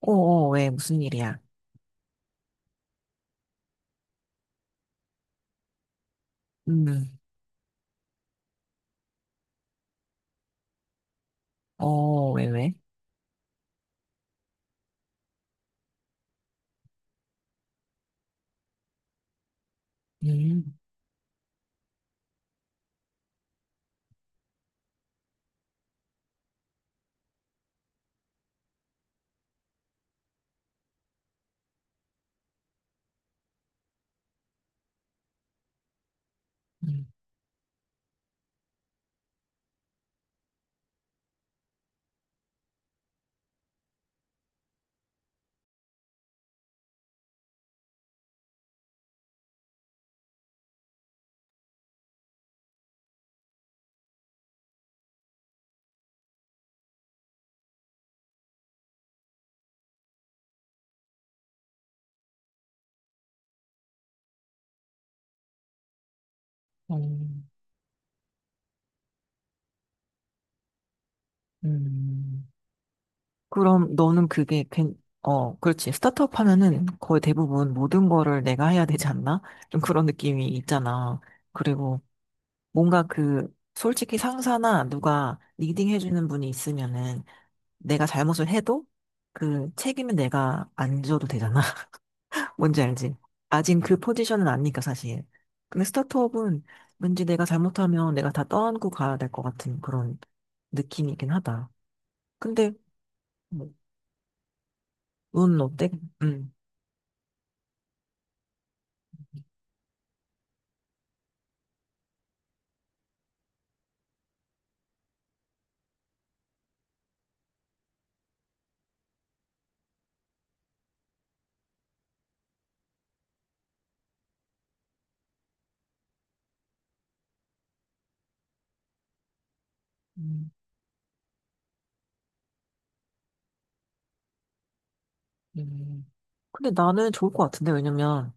어, 어, 왜, 무슨 일이야? 음, 어, 왜, 왜? 음, 음, 어, 음. 그럼 너는 그게, 그렇지. 스타트업 하면은 거의 대부분 모든 거를 내가 해야 되지 않나? 좀 그런 느낌이 있잖아. 그리고 뭔가 그, 솔직히 상사나 누가 리딩 해주는 분이 있으면은 내가 잘못을 해도 그 책임은 내가 안 져도 되잖아. 뭔지 알지? 아직 그 포지션은 아니니까 사실. 근데 스타트업은 왠지 내가 잘못하면 내가 다 떠안고 가야 될 것 같은 그런 느낌이긴 하다. 근데 뭐, 너는 어때? 음. 음, 음, 근데 나는 좋을 것 같은데 왜냐면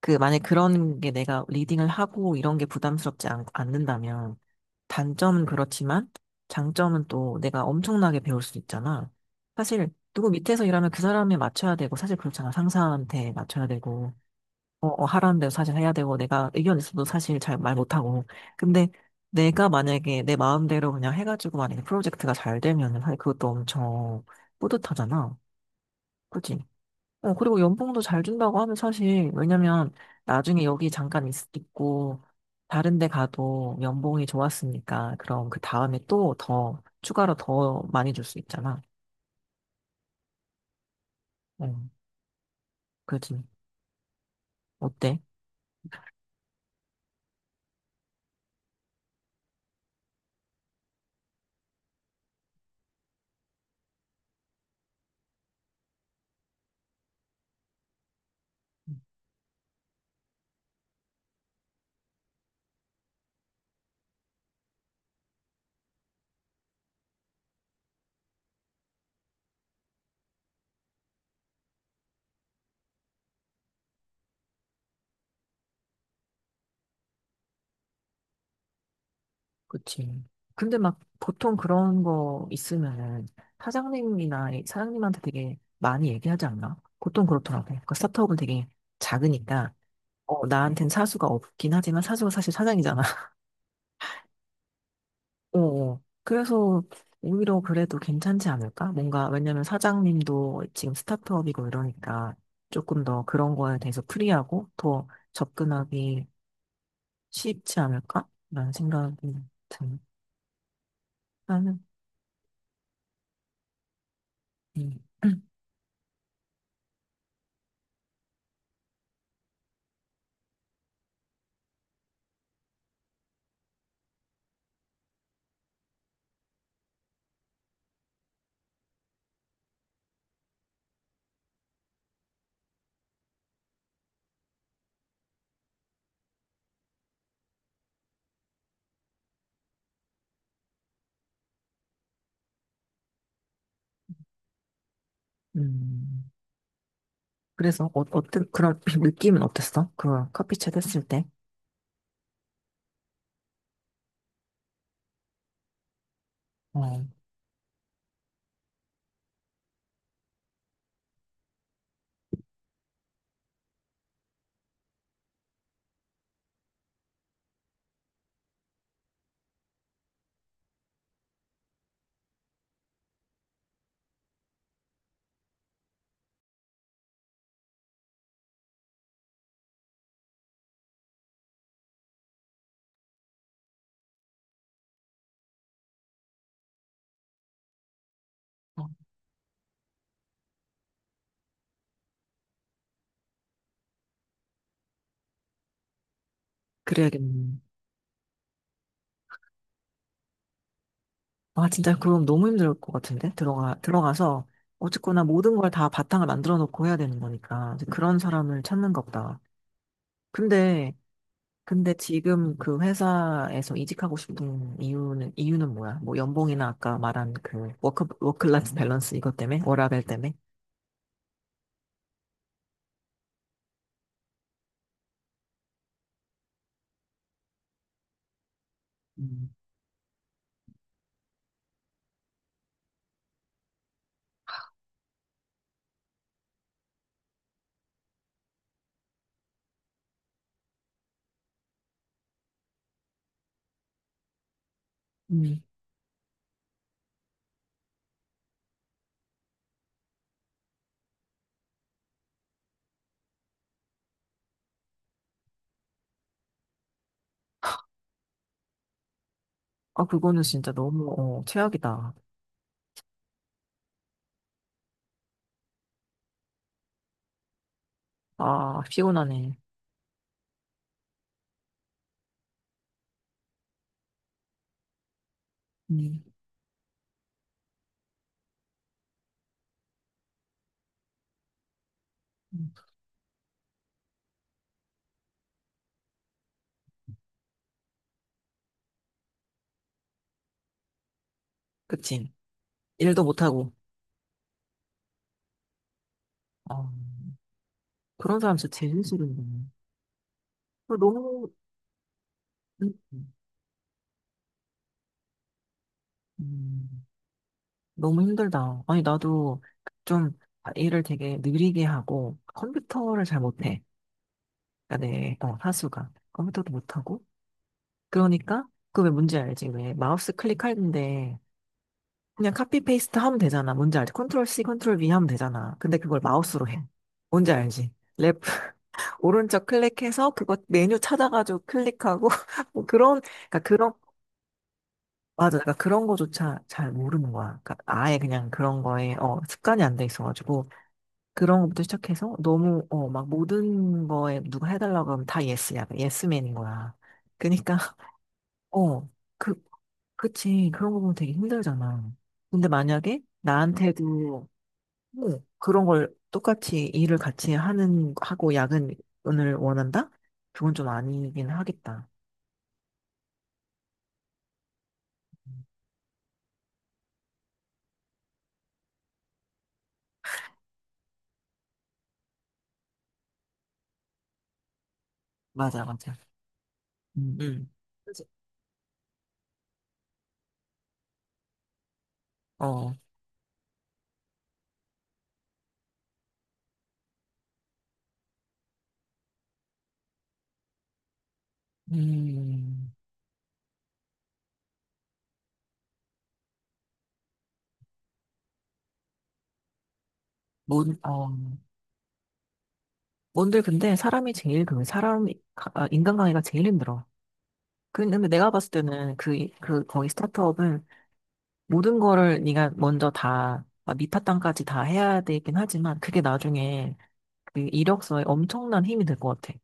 그 만약 그런 게 내가 리딩을 하고 이런 게 부담스럽지 않는다면 단점은 그렇지만 장점은 또 내가 엄청나게 배울 수 있잖아. 사실 누구 밑에서 일하면 그 사람에 맞춰야 되고 사실 그렇잖아. 상사한테 맞춰야 되고 하라는 대로 사실 해야 되고, 내가 의견 있어도 사실 잘 말 못하고. 근데 내가 만약에 내 마음대로 그냥 해가지고 만약에 프로젝트가 잘 되면은 사실 그것도 엄청 뿌듯하잖아. 그치? 그리고 연봉도 잘 준다고 하면 사실, 왜냐면 나중에 여기 잠깐 있고, 다른 데 가도 연봉이 좋았으니까, 그럼 그 다음에 또 더, 추가로 더 많이 줄 수 있잖아. 어, 그치? 어때? 그치. 근데 막 보통 그런 거 있으면은 사장님이나 사장님한테 되게 많이 얘기하지 않나? 보통 그렇더라고. 그러니까 스타트업은 되게 작으니까 나한텐 사수가 없긴 하지만 사수가 사실 사장이잖아. 어, 어. 그래서 오히려 그래도 괜찮지 않을까? 뭔가 왜냐면 사장님도 지금 스타트업이고 이러니까 조금 더 그런 거에 대해서 프리하고 더 접근하기 쉽지 않을까? 라는 생각이 드는 나는 음. 음. 그래서 어떤 그런 느낌은 어땠어? 그 커피챗 했을 때? 어. 어, 그래야겠네. 아, 진짜 그럼 너무 힘들 것 같은데? 들어가서, 어쨌거나 모든 걸 다 바탕을 만들어 놓고 해야 되는 거니까. 이제 그런 사람을 찾는가 보다. 근데, 근데 지금 그 회사에서 이직하고 싶은 이유는 뭐야? 뭐 연봉이나 아까 말한 그 워크라이프 밸런스 이것 때문에? 워라밸 때문에? 음. 음. 아, 그거는 진짜 너무, 최악이다. 아, 피곤하네. 음. 그치. 일도 못하고. 어, 그런 사람 진짜 제일 싫은데. 그 너무, 음, 음, 너무 힘들다. 아니, 나도 좀 일을 되게 느리게 하고 컴퓨터를 잘 못해. 그러니까 내 사수가. 컴퓨터도 못하고. 그러니까 그왜 문제 알지? 왜 마우스 클릭하는데 그냥 카피 페이스트 하면 되잖아. 뭔지 알지? 컨트롤 C, 컨트롤 V 하면 되잖아. 근데 그걸 마우스로 해. 뭔지 알지? 랩, 오른쪽 클릭해서 그거 메뉴 찾아가지고 클릭하고 뭐 그런 그러니까 그런 맞아. 그러니까 그런 거조차 잘 모르는 거야. 그러니까 아예 그냥 그런 거에 습관이 안 돼 있어가지고 그런 것부터 시작해서 너무 막 모든 거에 누가 해달라고 하면 다 예스야. 예스맨인 거야. 그러니까 어, 그, 그치. 그런 거 보면 되게 힘들잖아. 근데 만약에 나한테도 뭐 그런 걸 똑같이 일을 같이 하는 하고 야근을 원한다? 그건 좀 아니긴 하겠다. 맞아, 맞아. 음, 음. 그치? 어, 음. 뭔, 어, 뭔들 근데 사람이 제일 그 사람, 아, 인간관계가 제일 힘들어. 근데 내가 봤을 때는 거기 스타트업은 모든 거를 네가 먼저 다, 막 밑바탕까지 다 해야 되긴 하지만 그게 나중에 그 이력서에 엄청난 힘이 될 것 같아.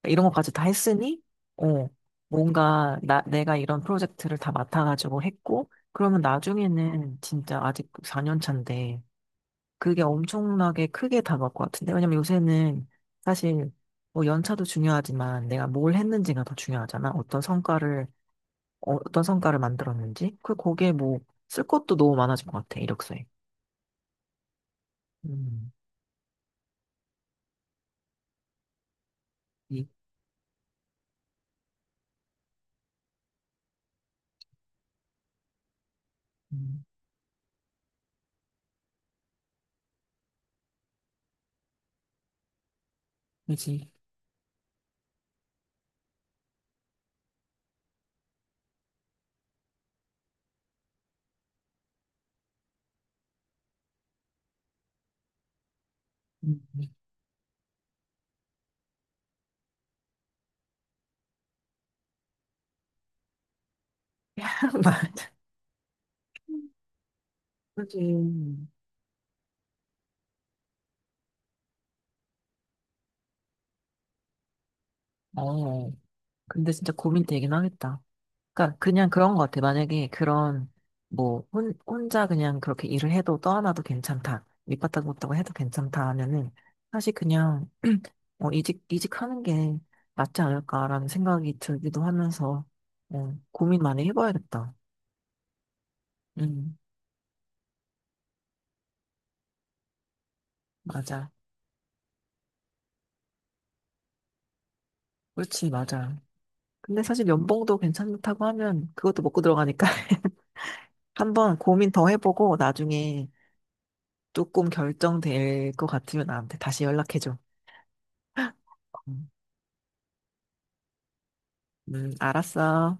그러니까 이런 것까지 다 했으니, 어, 뭔가 내가 이런 프로젝트를 다 맡아가지고 했고, 그러면 나중에는 진짜 아직 4년 차인데, 그게 엄청나게 크게 다가올 것 같은데. 왜냐면 요새는 사실 뭐 연차도 중요하지만 내가 뭘 했는지가 더 중요하잖아. 어떤 성과를, 어, 떤 성과를 만들었는지. 거기에 뭐, 쓸 것도 너무 많아진 것 같아, 이력서에. 음, 이, 음, 그지. 음. 맞아. 그지. 어, 근데 진짜 고민되긴 하겠다. 그러니까 그냥 그런 것 같아. 만약에 그런 뭐 혼자 그냥 그렇게 일을 해도 떠나도 괜찮다. 밑바닥 못하고 해도 괜찮다 하면은 사실 그냥 이직하는 게 낫지 않을까라는 생각이 들기도 하면서 고민 많이 해봐야겠다. 음 맞아. 그렇지 맞아. 근데 사실 연봉도 괜찮다고 하면 그것도 먹고 들어가니까 한번 고민 더 해보고 나중에 조금 결정될 것 같으면 나한테 다시 연락해줘. 음, 알았어.